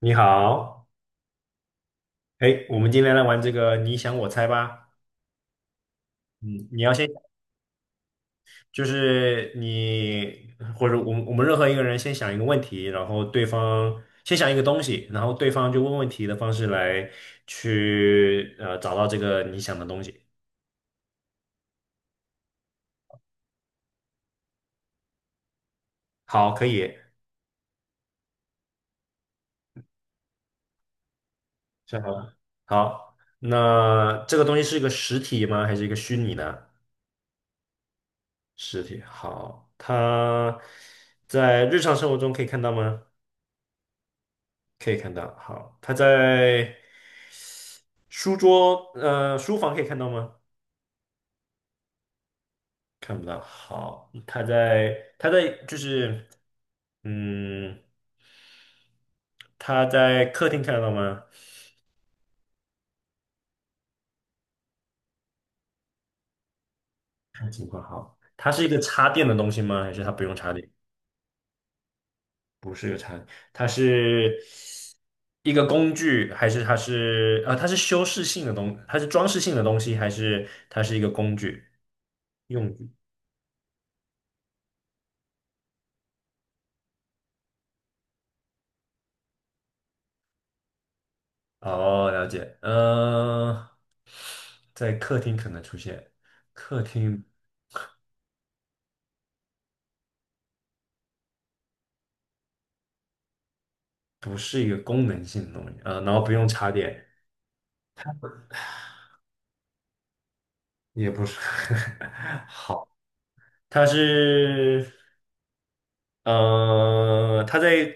你好，哎，我们今天来玩这个你想我猜吧。嗯，你要先就是你或者我们任何一个人先想一个问题，然后对方先想一个东西，然后对方就问问题的方式来去找到这个你想的东西。好，可以，想好了。好，那这个东西是一个实体吗？还是一个虚拟的实体？好，它在日常生活中可以看到吗？可以看到。好，它在。书桌，书房可以看到吗？看不到。好，他在，他在，就是，嗯，他在客厅看得到吗？看情况好。它是一个插电的东西吗？还是它不用插电？不是个插电，它是一个工具，还是它是啊？它是修饰性的东，它是装饰性的东西，还是它是一个工具用具？哦，了解。在客厅可能出现，客厅不是一个功能性的东西，然后不用插电，也不是，好，它是，它在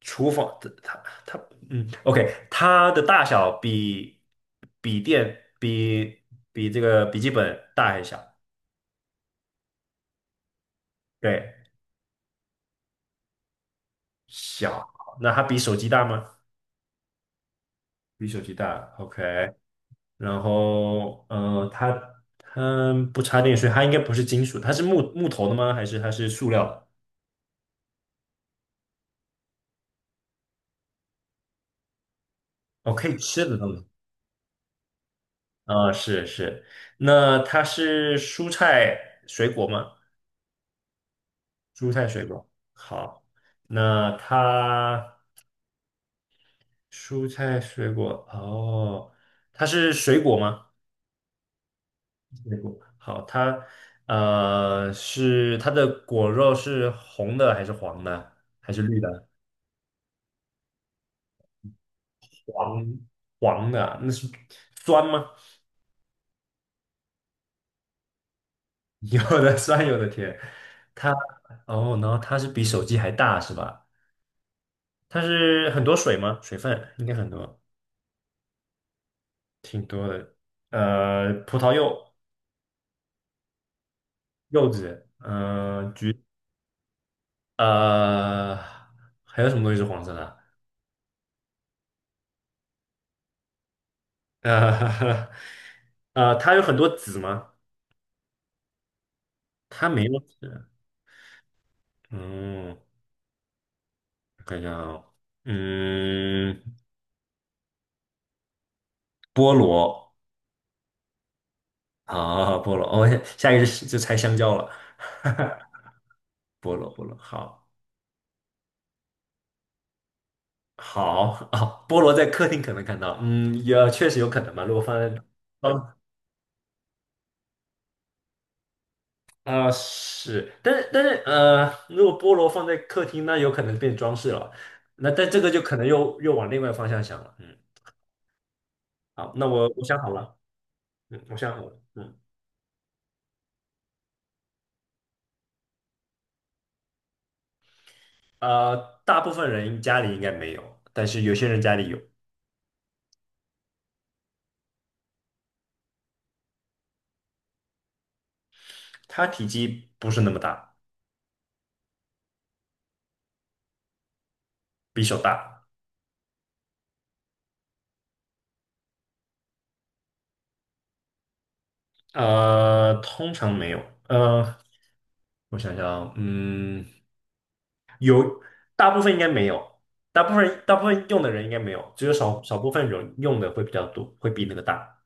厨房，它它，嗯，OK，它的大小比笔电比比这个笔记本大还是小？对，小，那它比手机大吗？比手机大，OK，然后，它不插电，所以它应该不是金属，它是木头的吗？还是它是塑料的？哦，可以吃的东西。啊，是是，那它是蔬菜水果吗？蔬菜水果，好，那它蔬菜水果，哦，它是水果吗？水果，好，它是它的果肉是红的还是黄的还是绿的？黄黄的啊，那是酸吗？有的酸，有的甜。它哦，然后它是比手机还大是吧？它是很多水吗？水分应该很多。挺多的，葡萄柚、柚子，嗯，橘，呃，还有什么东西是黄色的啊？呃，它有很多籽吗？它没有籽。嗯，我看一下啊，嗯，菠萝啊，菠萝，哦，下一个就猜香蕉了。菠萝，菠萝，好，好啊，菠萝在客厅可能看到，嗯，也确实有可能吧。如果放在啊、是，但是如果菠萝放在客厅，那有可能变装饰了。那但这个就可能又往另外方向想了。嗯，好，那我想好了。嗯，我想好了。嗯，大部分人家里应该没有，但是有些人家里有。它体积不是那么大，比手大。通常没有。呃，我想想啊嗯，大部分应该没有，大部分用的人应该没有，只有少少部分人用的会比较多，会比那个大。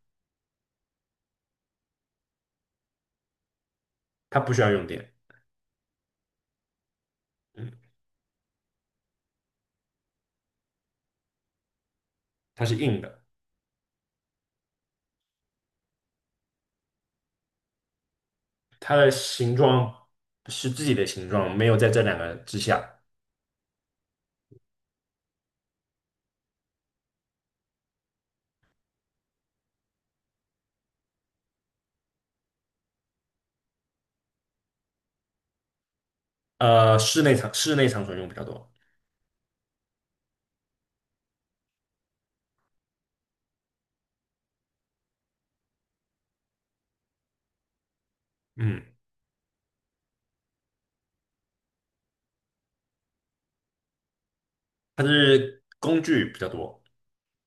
它不需要用电，嗯，它是硬的，它的形状是自己的形状，没有在这两个之下。室内场所用比较多，嗯，它是工具比较多，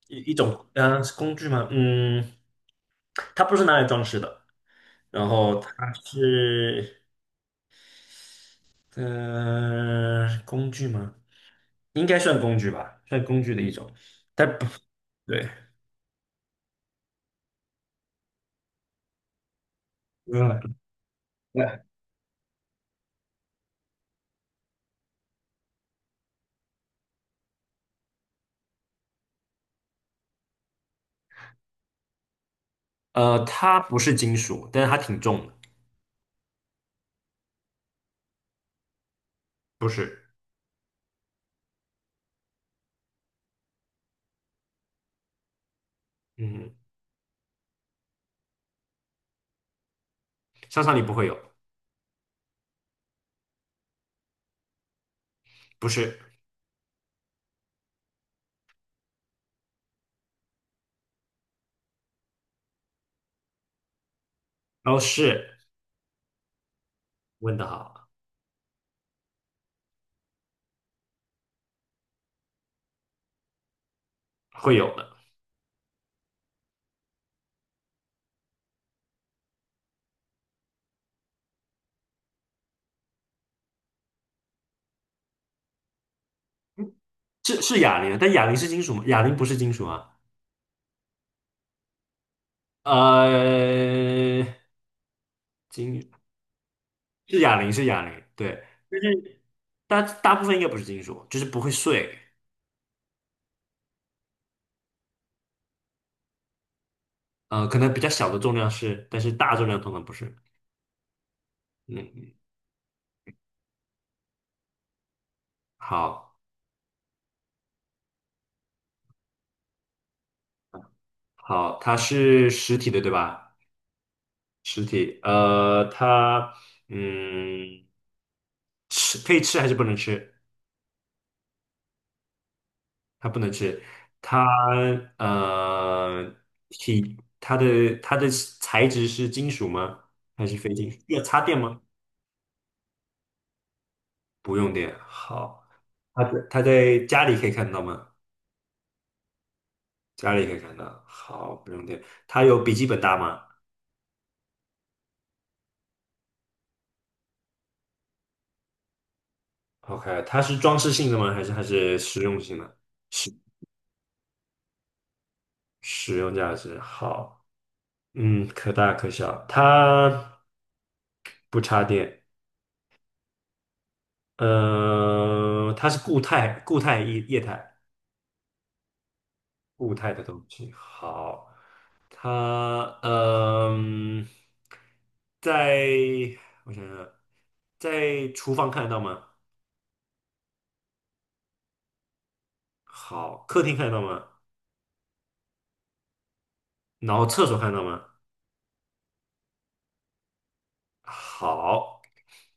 一种，嗯、是工具吗？嗯，它不是拿来装饰的，然后它是，嗯、工具吗？应该算工具吧，算工具的一种，但不对，嗯，它不是金属，但是它挺重的，不是，嗯。商场里不会有，不是，哦，是，问的好，会有的，是是哑铃啊，但哑铃是金属吗？哑铃不是金属啊，呃，金是哑铃是哑铃，对，但是大部分应该不是金属，就是不会碎，可能比较小的重量是，但是大重量通常不是，嗯，好，好，它是实体的对吧？实体，呃，它，嗯，吃可以吃还是不能吃？它不能吃，它呃它的它的材质是金属吗？还是非金属？要插电吗？不用电。好，它在家里可以看到吗？家里可以看到。好，不用电。它有笔记本大吗？OK，它是装饰性的吗？还是实用性的？实实用价值。好，嗯，可大可小。它不插电。呃，它是固态、固态液液态。固态的东西。好，它嗯，在我想想，在厨房看得到吗？好，客厅看得到吗？然后厕所看得到吗？好，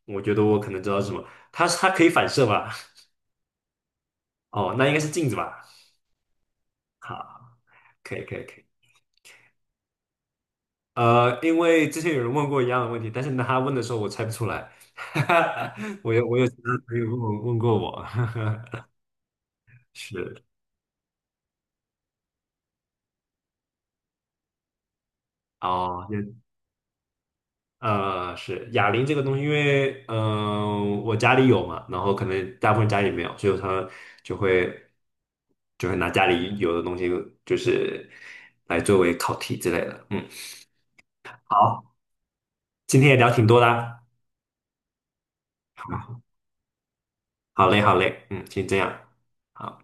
我觉得我可能知道是什么。它可以反射吧？哦，那应该是镜子吧？好，可以可以可以。因为之前有人问过一样的问题，但是呢他问的时候我猜不出来。我有其他朋友问过我，是哦，是哑铃这个东西，因为我家里有嘛，然后可能大部分家里没有，所以他就会就会拿家里有的东西，就是来作为考题之类的。嗯，好，今天也聊挺多的啊，好嘞，好嘞，嗯，先这样，好，